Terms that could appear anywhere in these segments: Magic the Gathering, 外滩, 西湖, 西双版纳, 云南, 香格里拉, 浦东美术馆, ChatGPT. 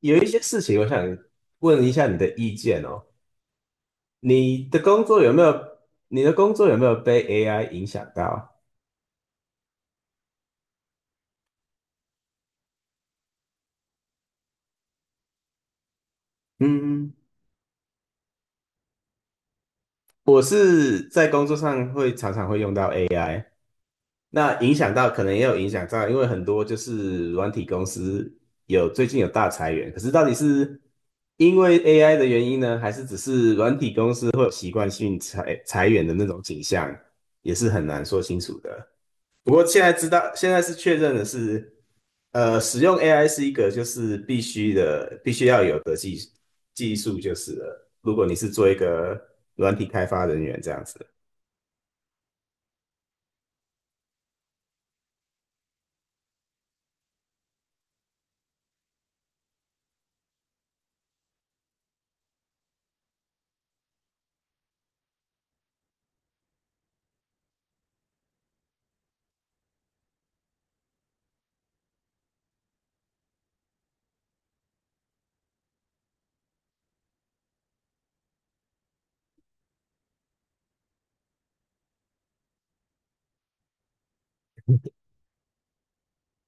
有一些事情，我想问一下你的意见哦。你的工作有没有，你的工作有没有被 AI 影响到？嗯，我是在工作上常常会用到 AI，那影响到可能也有影响到，因为很多就是软体公司最近有大裁员，可是到底是因为 AI 的原因呢，还是只是软体公司会有习惯性裁员的那种景象，也是很难说清楚的。不过现在知道，现在是确认的是，使用 AI 是一个就是必须的，必须要有的技术就是了。如果你是做一个软体开发人员这样子。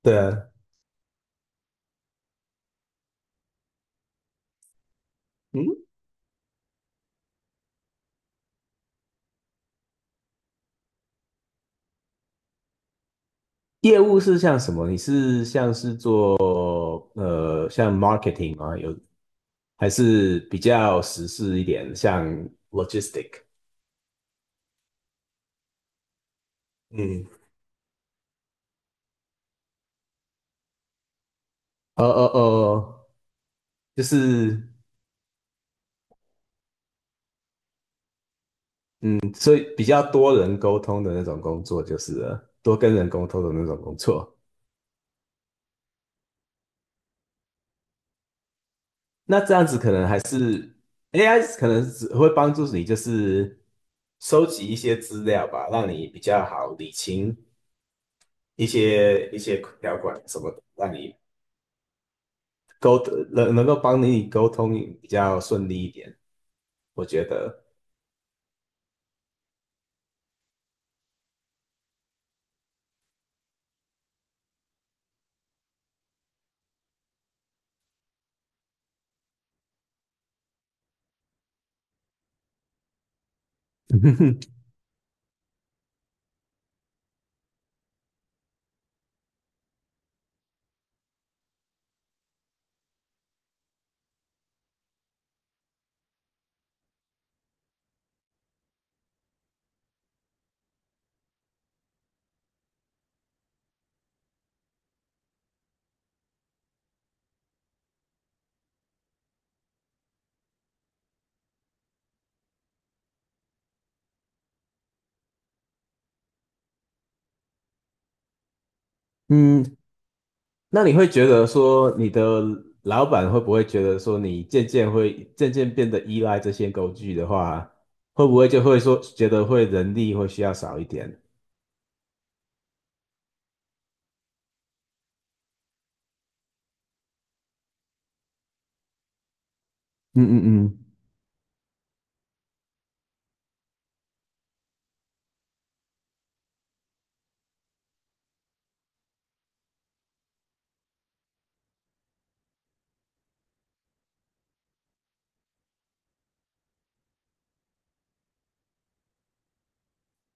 对啊。嗯，业务是像什么？你是像是做像 marketing 吗？有还是比较时事一点，像 logistic？嗯。呃呃呃，就是嗯所以比较多人沟通的那种工作就是了，多跟人沟通的那种工作。那这样子可能还是 AI 可能只会帮助你，就是收集一些资料吧，让你比较好理清一些条款什么的，让你沟通能够帮你沟通比较顺利一点，我觉得。嗯，那你会觉得说，你的老板会不会觉得说，你渐渐变得依赖这些工具的话，会不会就会说觉得会人力会需要少一点？嗯嗯嗯。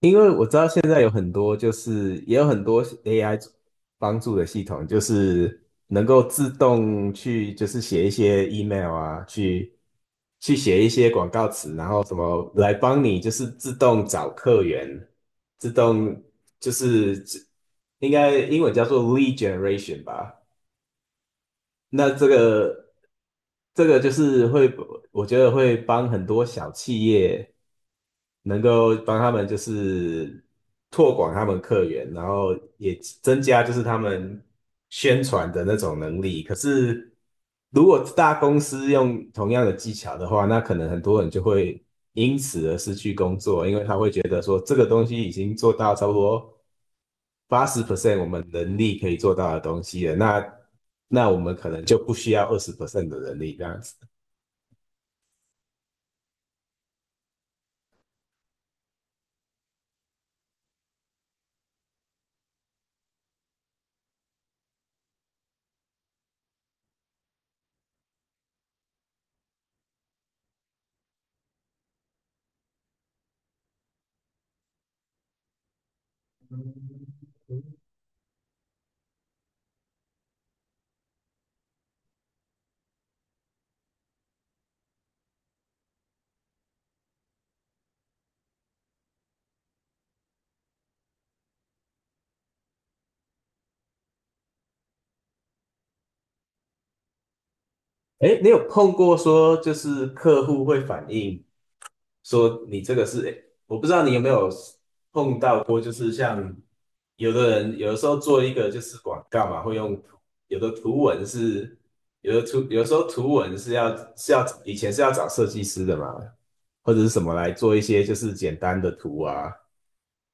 因为我知道现在有很多，就是也有很多 AI 帮助的系统，就是能够自动去，就是写一些 email 啊，去写一些广告词，然后什么来帮你，就是自动找客源，自动就是应该英文叫做 lead generation 吧。那这个就是会，我觉得会帮很多小企业。能够帮他们就是拓广他们客源，然后也增加就是他们宣传的那种能力。可是如果大公司用同样的技巧的话，那可能很多人就会因此而失去工作，因为他会觉得说这个东西已经做到差不多80% 我们能力可以做到的东西了，那我们可能就不需要20% 的能力这样子。哎，你有碰过说就是客户会反映？说你这个是，诶我不知道你有没有碰到过，就是像有的人有的时候做一个就是广告嘛，会用图有的图文是有的图，有的时候图文是要以前是要找设计师的嘛，或者是什么来做一些就是简单的图啊，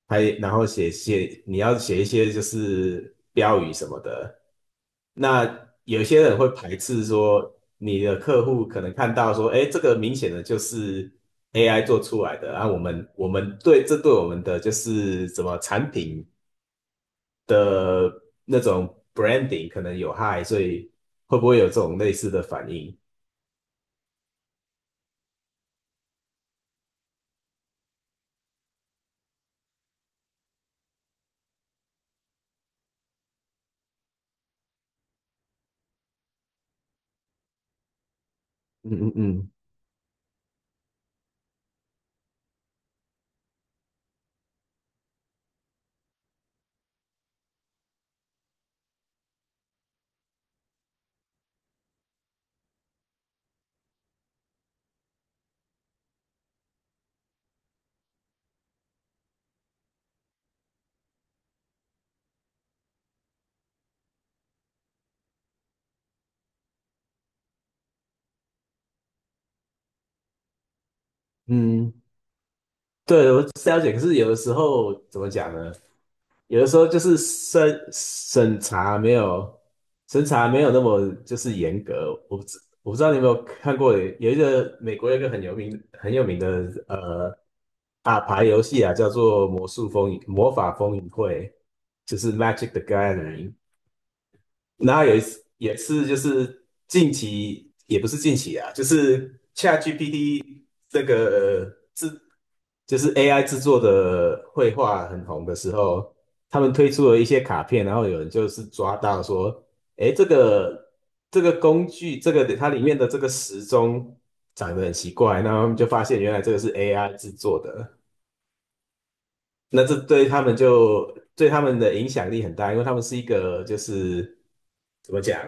还然后你要写一些就是标语什么的。那有些人会排斥说，你的客户可能看到说，哎，这个明显的就是 AI 做出来的。啊，我们对我们的就是什么产品的那种 branding 可能有害，所以会不会有这种类似的反应？嗯嗯嗯嗯。对，我是了解。可是有的时候怎么讲呢？有的时候就是审查没有那么就是严格。我不知道你有没有看过，有一个美国有一个很有名很有名的呃打牌游戏啊，叫做魔法风云会，就是 Magic the Gathering。然后有一次也是就是近期也不是近期啊，就是 ChatGPT 这个呃制就是 AI 制作的绘画很红的时候，他们推出了一些卡片，然后有人就是抓到说，诶，这个工具，这个它里面的这个时钟长得很奇怪，然后他们就发现原来这个是 AI 制作的。那这对他们就对他们的影响力很大，因为他们是一个就是怎么讲，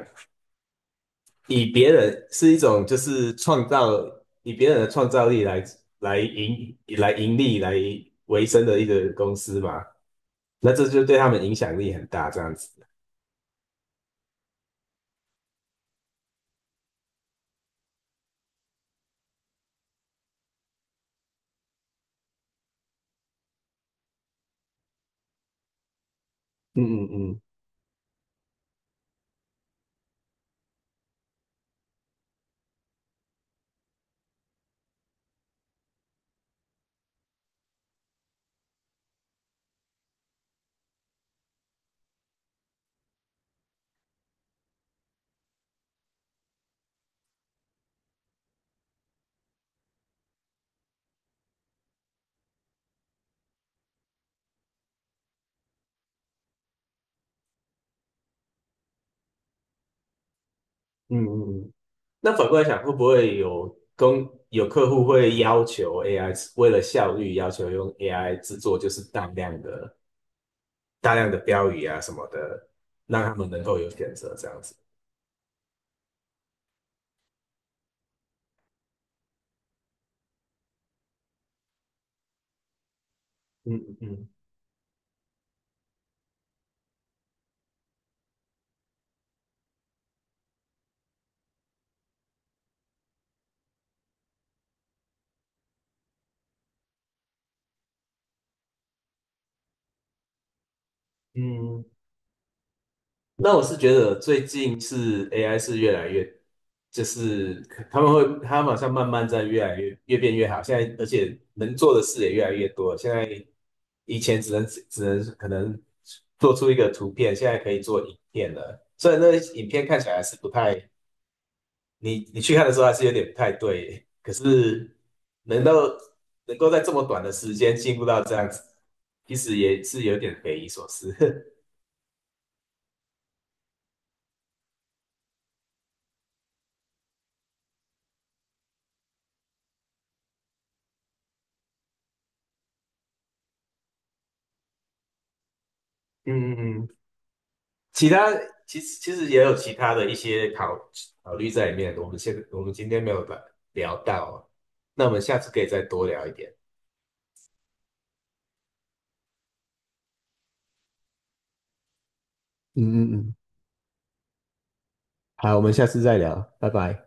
以别人是一种就是创造，以别人的创造力来盈利来维生的一个公司嘛，那这就对他们影响力很大，这样子。嗯嗯嗯嗯嗯嗯。那反过来想，会不会有客户会要求 AI 为了效率要求用 AI 制作就是大量的标语啊什么的，让他们能够有选择这样子？嗯嗯嗯。嗯，那我是觉得最近是 AI 是越来越，就是他们会，他们好像慢慢在越来越变越好。现在而且能做的事也越来越多了，现在以前只能可能做出一个图片，现在可以做影片了。虽然那个影片看起来还是不太，你去看的时候还是有点不太对，可是能够能够在这么短的时间进步到这样子，其实也是有点匪夷所思。嗯嗯嗯。其他其实也有其他的一些考虑在里面，我们今天没有聊到哦，那我们下次可以再多聊一点。嗯嗯嗯，好，我们下次再聊，拜拜。